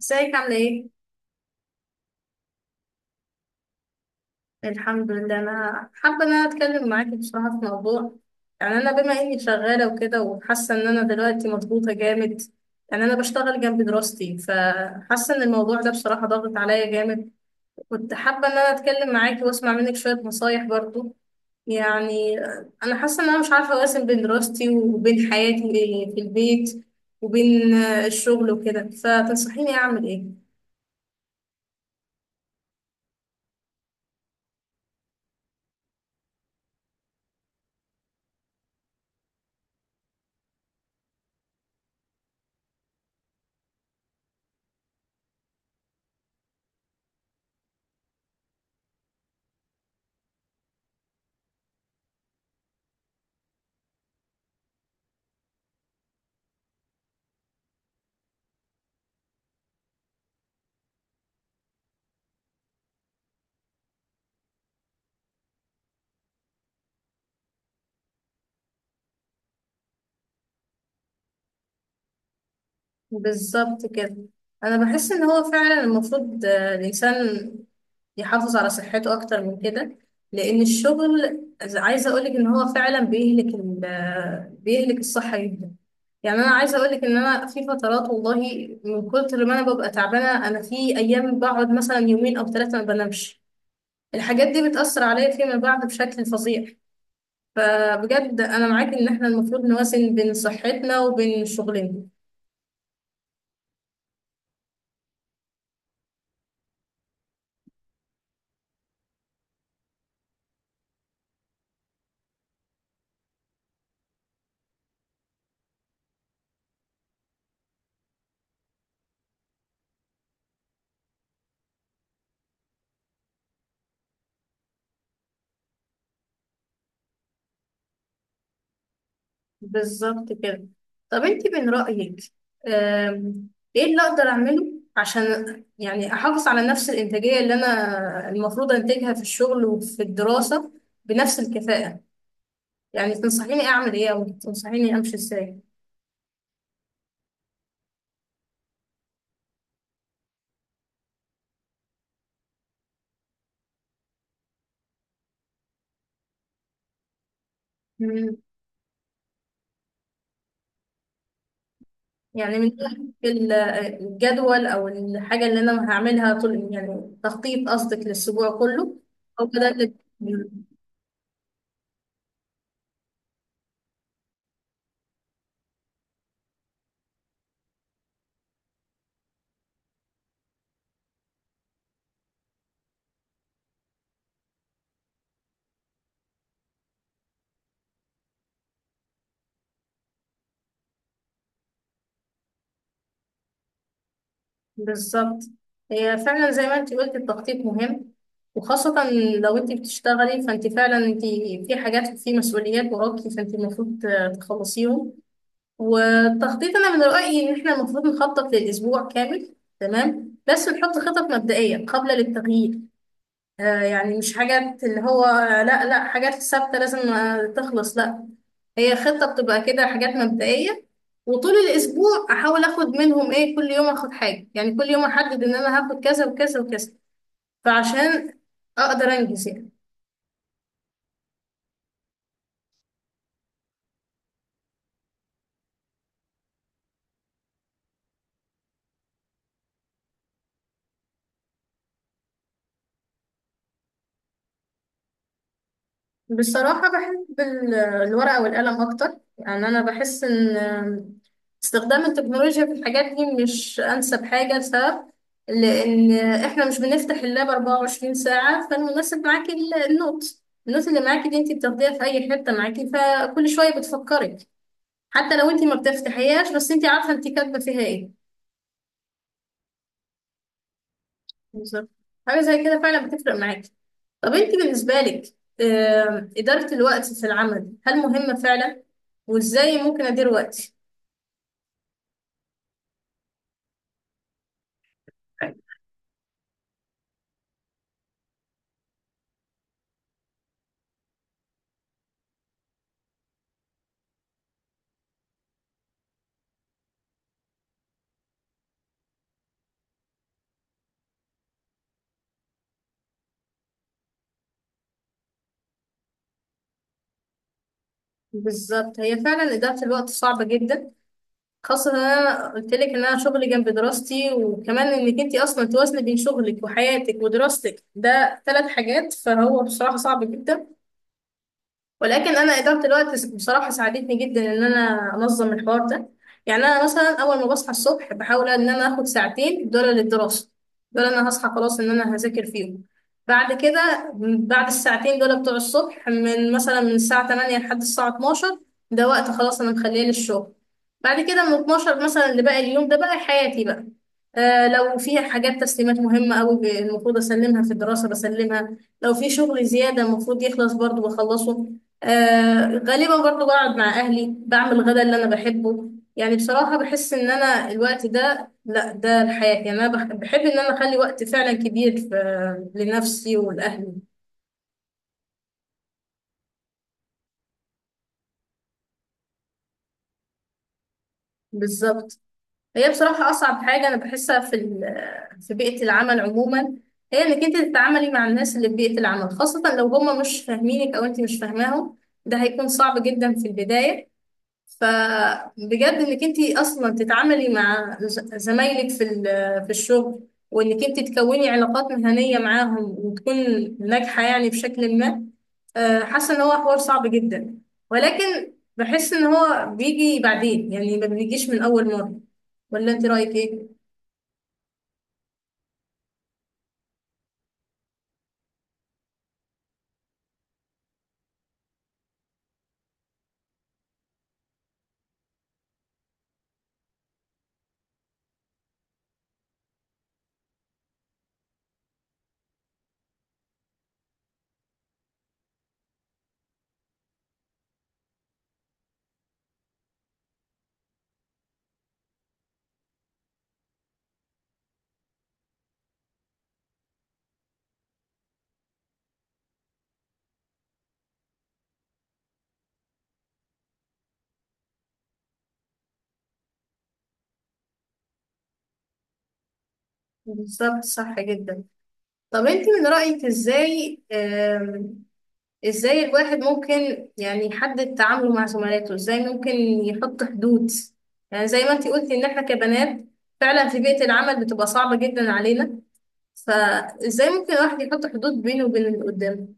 ازيك عاملة ايه؟ الحمد لله، انا حابة ان انا اتكلم معاكي بصراحة في موضوع. انا بما اني شغالة وكده وحاسة ان انا دلوقتي مضغوطة جامد. يعني انا بشتغل جنب دراستي، فحاسة ان الموضوع ده بصراحة ضاغط عليا جامد. كنت حابة ان انا اتكلم معاكي واسمع منك شوية نصايح برضو. يعني انا حاسة ان انا مش عارفة اوازن بين دراستي وبين حياتي في البيت وبين الشغل وكده، فتنصحيني اعمل ايه؟ بالظبط كده. انا بحس ان هو فعلا المفروض الانسان يحافظ على صحته اكتر من كده، لان الشغل عايزه اقولك ان هو فعلا بيهلك بيهلك الصحه جدا. يعني انا عايزه اقولك ان انا في فترات والله، من كتر ما انا ببقى تعبانه انا في ايام بقعد مثلا يومين او ثلاثه ما بنامش. الحاجات دي بتاثر عليا فيما بعد بشكل فظيع. فبجد انا معاك ان احنا المفروض نوازن بين صحتنا وبين شغلنا. بالظبط كده. طب انت من رأيك، آم، ايه اللي اقدر اعمله عشان يعني احافظ على نفس الانتاجية اللي انا المفروض انتجها في الشغل وفي الدراسة بنفس الكفاءة؟ يعني تنصحيني اعمل ايه او تنصحيني امشي ازاي؟ مم. يعني من ناحية ال- الجدول او الحاجة اللي انا هعملها، طول يعني تخطيط قصدك للاسبوع كله او كده؟ بالظبط، هي فعلا زي ما انت قلت التخطيط مهم، وخاصة لو انت بتشتغلي، فانت فعلا انت في حاجات، في مسؤوليات وراكي، فانت المفروض تخلصيهم. والتخطيط انا من رأيي ان احنا المفروض نخطط للأسبوع كامل، تمام، بس نحط خطط مبدئية قابلة للتغيير. يعني مش حاجات اللي هو لا لا حاجات ثابتة لازم تخلص، لا. هي خطة بتبقى كده حاجات مبدئية، وطول الأسبوع أحاول أخد منهم إيه، كل يوم أخد حاجة. يعني كل يوم أحدد إن أنا هاخد كذا وكذا وكذا فعشان أقدر أنجز يعني. بصراحة بحب الورقة والقلم أكتر. يعني أنا بحس إن استخدام التكنولوجيا في الحاجات دي مش أنسب حاجة، لسبب، لأن إحنا مش بنفتح اللاب 24 ساعة، فالمناسب معاكي النوت اللي معاكي دي أنت بتاخديها في أي حتة معاكي، فكل شوية بتفكرك. حتى لو أنت ما بتفتحيهاش، بس أنت عارفة أنت كاتبة فيها إيه. بالظبط. حاجة زي كده فعلا بتفرق معاكي. طب انت بالنسبة لك، إدارة الوقت في العمل هل مهمة فعلا؟ وإزاي ممكن أدير وقتي؟ بالظبط، هي فعلا إدارة الوقت صعبة جدا، خاصة إن أنا قلت لك إن أنا شغلي جنب دراستي، وكمان إنك أنت أصلا توازني بين شغلك وحياتك ودراستك، ده ثلاث حاجات، فهو بصراحة صعب جدا. ولكن انا اداره الوقت بصراحه ساعدتني جدا ان انا انظم الحوار ده. يعني انا مثلا اول ما بصحى الصبح بحاول ان انا اخد ساعتين دول للدراسه. دول انا هصحى خلاص ان انا هذاكر فيهم. بعد كده، بعد الساعتين دول بتوع الصبح، من مثلا من الساعه 8 لحد الساعه 12، ده وقت خلاص انا مخليه للشغل. بعد كده من 12 مثلا لباقي اليوم ده بقى حياتي بقى. آه، لو فيها حاجات تسليمات مهمة أوي المفروض أسلمها في الدراسة بسلمها، لو في شغل زيادة المفروض يخلص برضو بخلصه. آه غالبا برضه بقعد مع أهلي، بعمل الغدا اللي أنا بحبه. يعني بصراحة بحس إن أنا الوقت ده لا ده الحياة. يعني أنا بحب إن أنا أخلي وقت فعلا كبير لنفسي ولأهلي. بالظبط. هي بصراحة أصعب حاجة أنا بحسها في بيئة العمل عموما، هي إنك أنت تتعاملي مع الناس اللي في بيئة العمل، خاصة لو هما مش فاهمينك أو أنت مش فاهماهم، ده هيكون صعب جدا في البداية. فبجد انك انت اصلا تتعاملي مع زمايلك في الشغل، وانك انت تكوني علاقات مهنيه معاهم وتكون ناجحه يعني بشكل ما، حاسه ان هو حوار صعب جدا، ولكن بحس ان هو بيجي بعدين، يعني ما بيجيش من اول مره. ولا انت رايك ايه؟ بالظبط، صح جدا. طب انت من رايك ازاي، ازاي الواحد ممكن يعني يحدد تعامله مع زملاته؟ ازاي ممكن يحط حدود؟ يعني زي ما انتي قلتي ان احنا كبنات فعلا في بيئة العمل بتبقى صعبة جدا علينا، فازاي ممكن الواحد يحط حدود بينه وبين اللي قدامه؟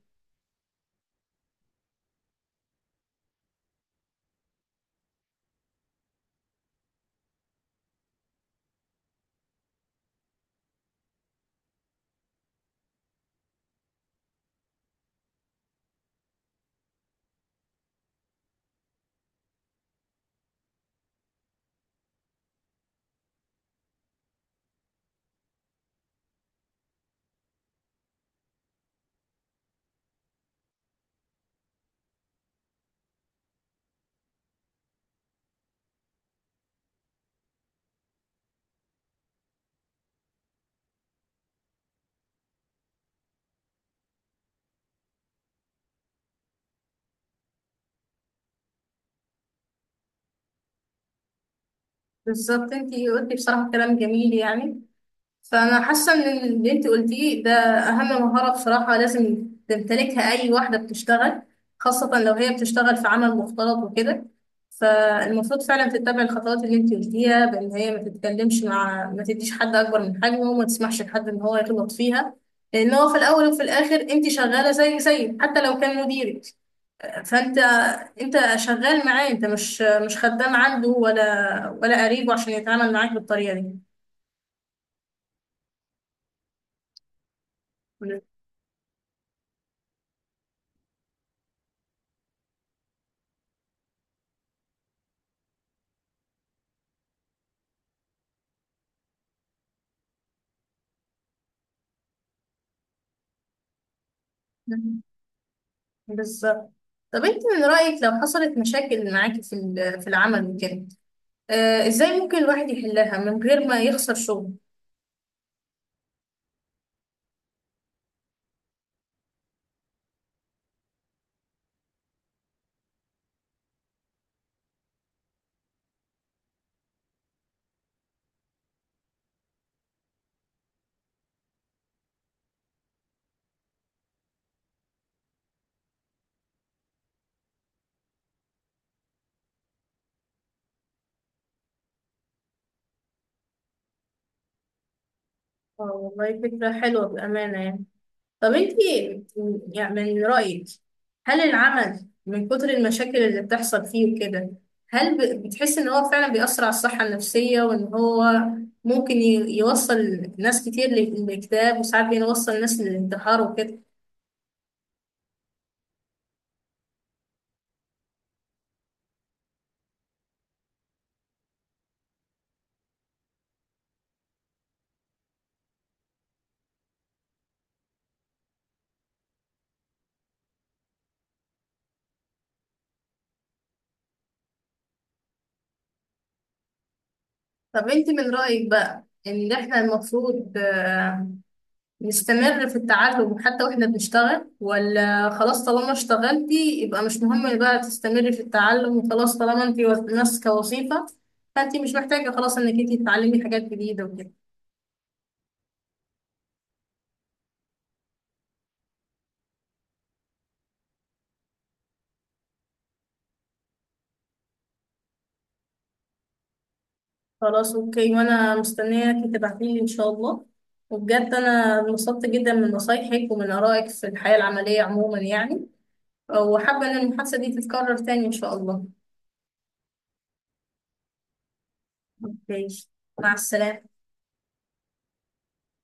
بالظبط، انتي قلتي بصراحة كلام جميل يعني. فأنا حاسة إن اللي أنت قلتيه ده أهم مهارة بصراحة لازم تمتلكها أي واحدة بتشتغل، خاصة لو هي بتشتغل في عمل مختلط وكده. فالمفروض فعلا تتبع الخطوات اللي أنت قلتيها، بإن هي ما تتكلمش مع ما تديش حد أكبر من حجمه، وما تسمحش لحد إن هو يغلط فيها، لأن هو في الأول وفي الآخر أنت شغالة زي زي، حتى لو كان مديرك فأنت، أنت شغال معاه، أنت مش خدام عنده، ولا ولا قريبه عشان يتعامل معاك بالطريقة دي. بالظبط. طب انت من رأيك لو حصلت مشاكل معاكي في العمل وكده، آه ازاي ممكن الواحد يحلها من غير ما يخسر شغل؟ اه والله فكرة حلوة بأمانة يعني. طب انت يعني من رأيك هل العمل من كتر المشاكل اللي بتحصل فيه وكده، هل بتحس ان هو فعلا بيأثر على الصحة النفسية، وان هو ممكن يوصل ناس كتير للاكتئاب، وساعات بيوصل ناس للانتحار وكده؟ طب انت من رأيك بقى ان احنا المفروض نستمر في التعلم حتى واحنا بنشتغل، ولا خلاص طالما اشتغلتي يبقى مش مهم بقى تستمري في التعلم، وخلاص طالما انت ماسكة وظيفة فانت مش محتاجة خلاص انك انت تتعلمي حاجات جديدة وكده؟ خلاس اوكي، وانا مستنياكي تبعتيلي ان شاء الله. وبجد انا انبسطت جدا من نصايحك ومن ارائك في الحياة العملية عموما يعني. وحابة ان المحادثة دي تتكرر تاني ان شاء الله. ماشي، مع السلامة.